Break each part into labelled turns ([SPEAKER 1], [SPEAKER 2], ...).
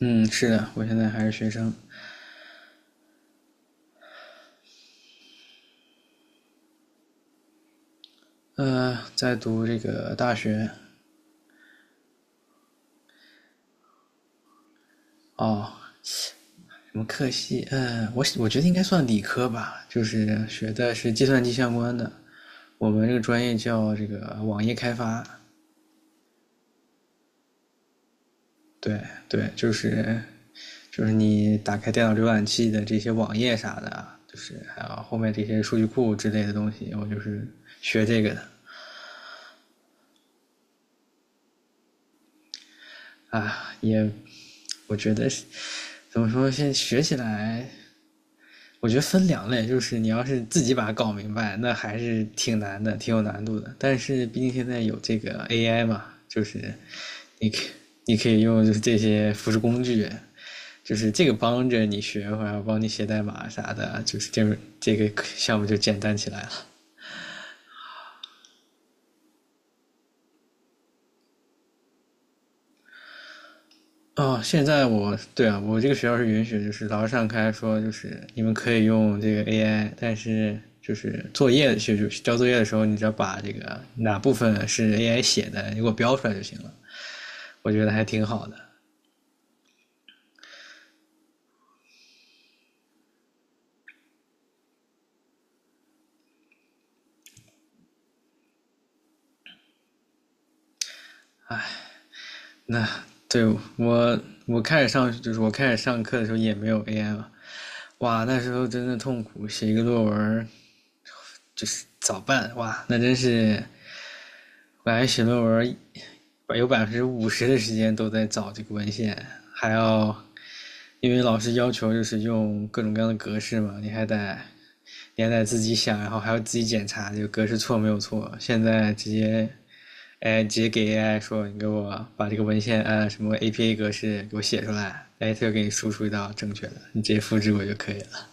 [SPEAKER 1] 嗯，是的，我现在还是学生。在读这个大学。哦，什么课系？我觉得应该算理科吧，就是学的是计算机相关的。我们这个专业叫这个网页开发。对，对，就是你打开电脑浏览器的这些网页啥的啊，就是还有后面这些数据库之类的东西，我就是学这个的。啊，我觉得怎么说，现在学起来我觉得分两类，就是你要是自己把它搞明白，那还是挺难的，挺有难度的。但是毕竟现在有这个 AI 嘛，就是你可你可以用就是这些辅助工具，就是这个帮着你学，或者帮你写代码啥的，就是这个项目就简单起来了。哦，现在我，对啊，我这个学校是允许，就是老师上开说，就是你们可以用这个 AI，但是就是作业就交作业的时候，你只要把这个哪部分是 AI 写的，你给我标出来就行了。我觉得还挺好的。那，对，我我开始上课的时候也没有 AI 嘛。哇，那时候真的痛苦，写一个作文就是早办。哇，那真是本来写论文有50%的时间都在找这个文献，还要因为老师要求就是用各种各样的格式嘛，你还得自己想，然后还要自己检查这个格式错没有错。现在直接，哎，直接给 AI 说，你给我把这个文献按啊什么 APA 格式给我写出来。哎，它就给你输出一道正确的，你直接复制我就可以了。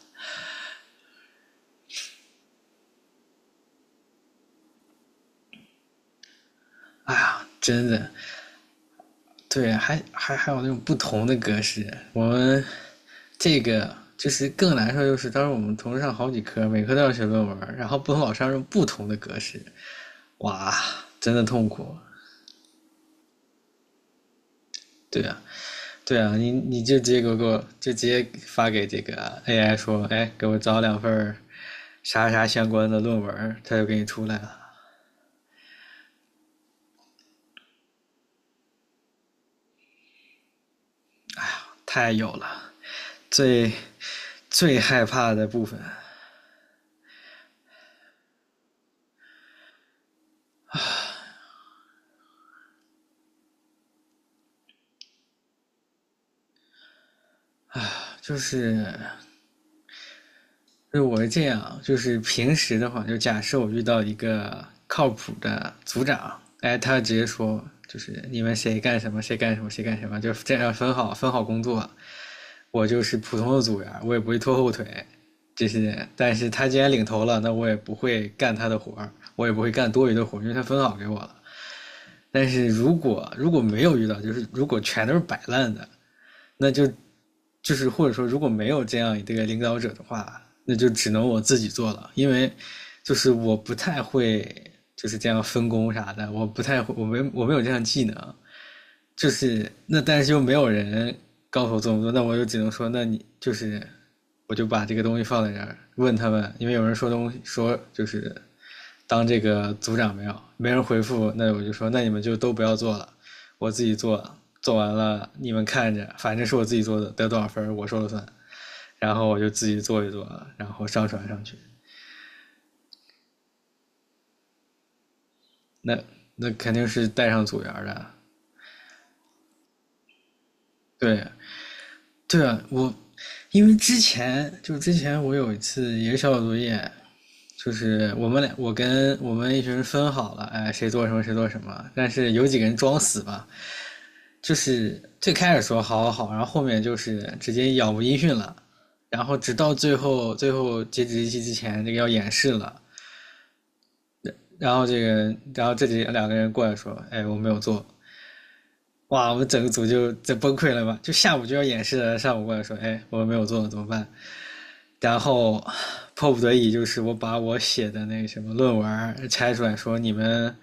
[SPEAKER 1] 哎呀，真的。对，还有那种不同的格式。我们这个就是更难受，就是当时我们同时上好几科，每科都要写论文，然后不同老师用不同的格式。哇，真的痛苦。对啊，对啊，你就直接给我就直接发给这个 AI 说，哎，给我找2份啥啥相关的论文，它就给你出来了。太有了。最最害怕的部分就是，我是这样啊，就是平时的话，就假设我遇到一个靠谱的组长，哎，他直接说，就是你们谁干什么，谁干什么，谁干什么，就这样分好工作。我就是普通的组员，我也不会拖后腿这些。但是他既然领头了，那我也不会干他的活儿，我也不会干多余的活儿，因为他分好给我了。但是如果没有遇到，就是如果全都是摆烂的，那就，就是，或者说如果没有这样一个领导者的话，那就只能我自己做了，因为就是我不太会就是这样分工啥的，我不太会，我没有这项技能。就是那，但是又没有人告诉我这么做，那我就只能说，那你就是，我就把这个东西放在这儿问他们，因为有人说东西说就是当这个组长没人回复，那我就说，那你们就都不要做了，我自己做，做完了你们看着，反正是我自己做的，得多少分我说了算。然后我就自己做一做啊，然后上传上去。那那肯定是带上组员的。对，对啊，我因为之前就之前我有一次也是小组作业，我跟我们一群人分好了，哎，谁做什么谁做什么，但是有几个人装死吧，就是最开始说好，好，好，然后后面就是直接杳无音讯了。然后直到最后，最后截止日期之前，这个要演示了。然后这个，然后两个人过来说：“哎，我没有做。”哇，我们整个组就崩溃了吧？就下午就要演示了，上午过来说，哎，我没有做怎么办？然后迫不得已就是我把我写的那个什么论文拆出来说，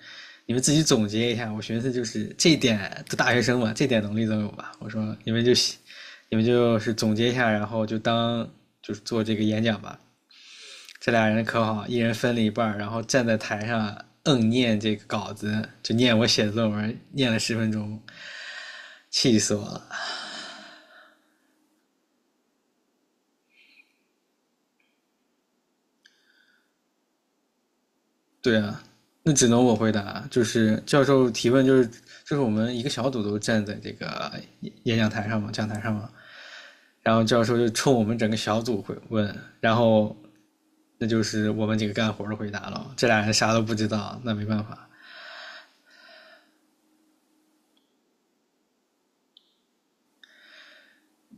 [SPEAKER 1] 你们自己总结一下。我寻思就是这点都大学生嘛，这点能力都有吧？我说你们就是总结一下，然后就当就是做这个演讲吧。这俩人可好，一人分了一半，然后站在台上念这个稿子，就念我写的论文，念了10分钟，气死我了。对啊，那只能我回答，就是教授提问，就是我们一个小组都站在这个讲台上嘛，讲台上嘛，然后教授就冲我们整个小组会问，然后那就是我们几个干活的回答了，这俩人啥都不知道，那没办法。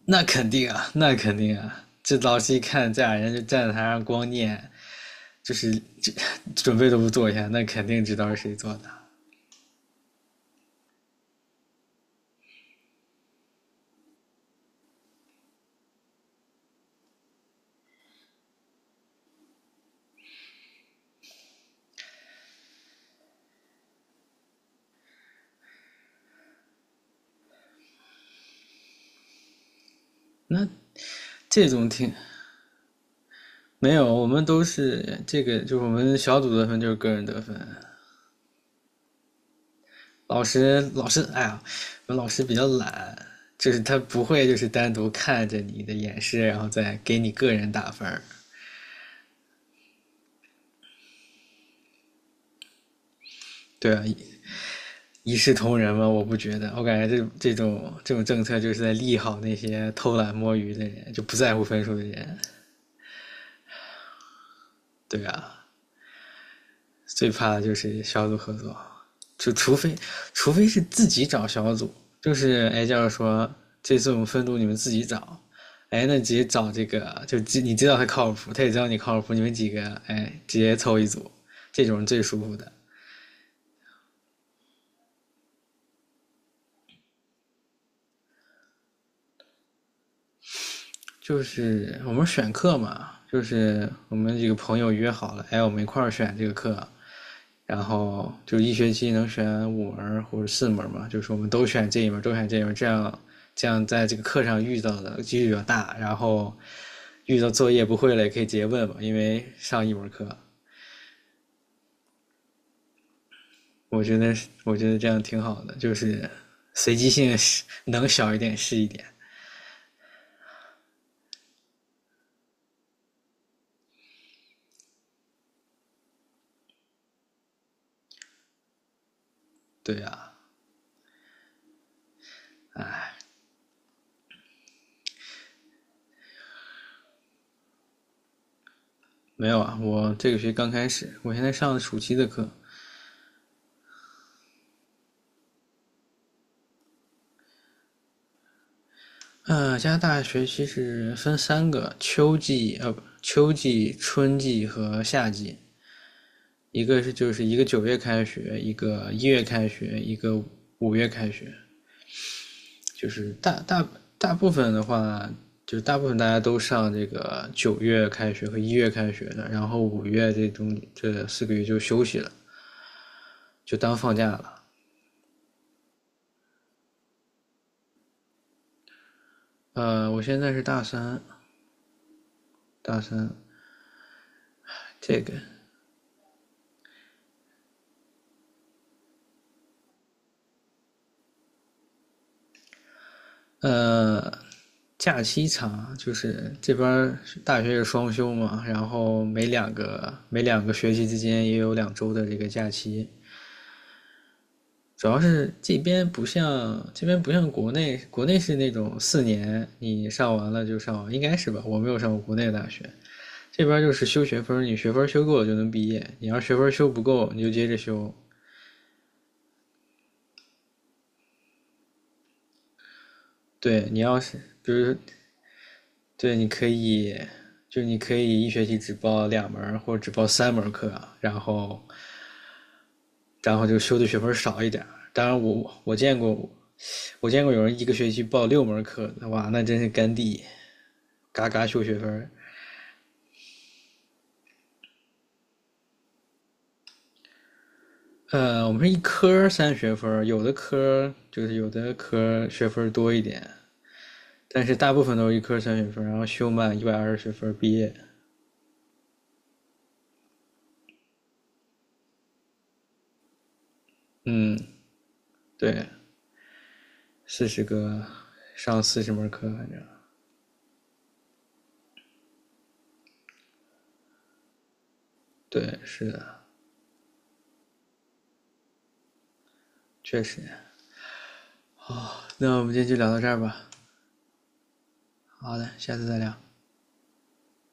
[SPEAKER 1] 那肯定啊，那肯定啊，这老师一看这俩人就站在台上光念，就是这准备都不做一下，那肯定知道是谁做的。那这种挺……没有，我们都是这个，就是我们小组得分就是个人得分。老师，老师，哎呀，我们老师比较懒，就是他不会就是单独看着你的演示，然后再给你个人打分儿。对啊，一视同仁嘛。我不觉得，我感觉这种，这种政策就是在利好那些偷懒摸鱼的人，就不在乎分数的人。对啊，最怕的就是小组合作，就除非除非是自己找小组，就是哎，就是说这次我们分组你们自己找，哎，那直接找这个，你知道他靠谱，他也知道你靠谱，你们几个哎直接凑一组，这种是最舒服的。就是我们选课嘛，就是我们几个朋友约好了，哎，我们一块儿选这个课，然后就一学期能选5门或者4门嘛，就是我们都选这一门都选这一门，这样这样在这个课上遇到的几率比较大，然后遇到作业不会了也可以直接问嘛，因为上一门课。我觉得我觉得这样挺好的，就是随机性是能小一点是一点。对啊，没有啊，我这个学期刚开始，我现在上的暑期的课。加拿大学期是分3个：秋季，呃，不，秋季、春季和夏季。一个是就是一个九月开学，一个一月开学，一个五月开学，就是大部分的话，就是大部分大家都上这个九月开学和一月开学的，然后五月这4个月就休息了，就当放假了。呃，我现在是大三。这个，呃，假期长，就是这边大学是双休嘛，然后每两个学期之间也有2周的这个假期。主要是这边不像国内，国内是那种4年你上完了就上完，应该是吧？我没有上过国内的大学。这边就是修学分，你学分修够了就能毕业，你要学分修不够你就接着修。对你要是比如对，你可以，你可以一学期只报2门或者只报3门课啊，然后就修的学分少一点。当然我见过，有人一个学期报6门课，哇，那真是干地，嘎嘎修学分。呃，我们是一科三学分，有的科学分多一点，但是大部分都是一科三学分，然后修满120学分毕业。嗯，对，四十个上40门课，反正。对，是的。确实。那我们今天就聊到这儿吧。好的，下次再聊。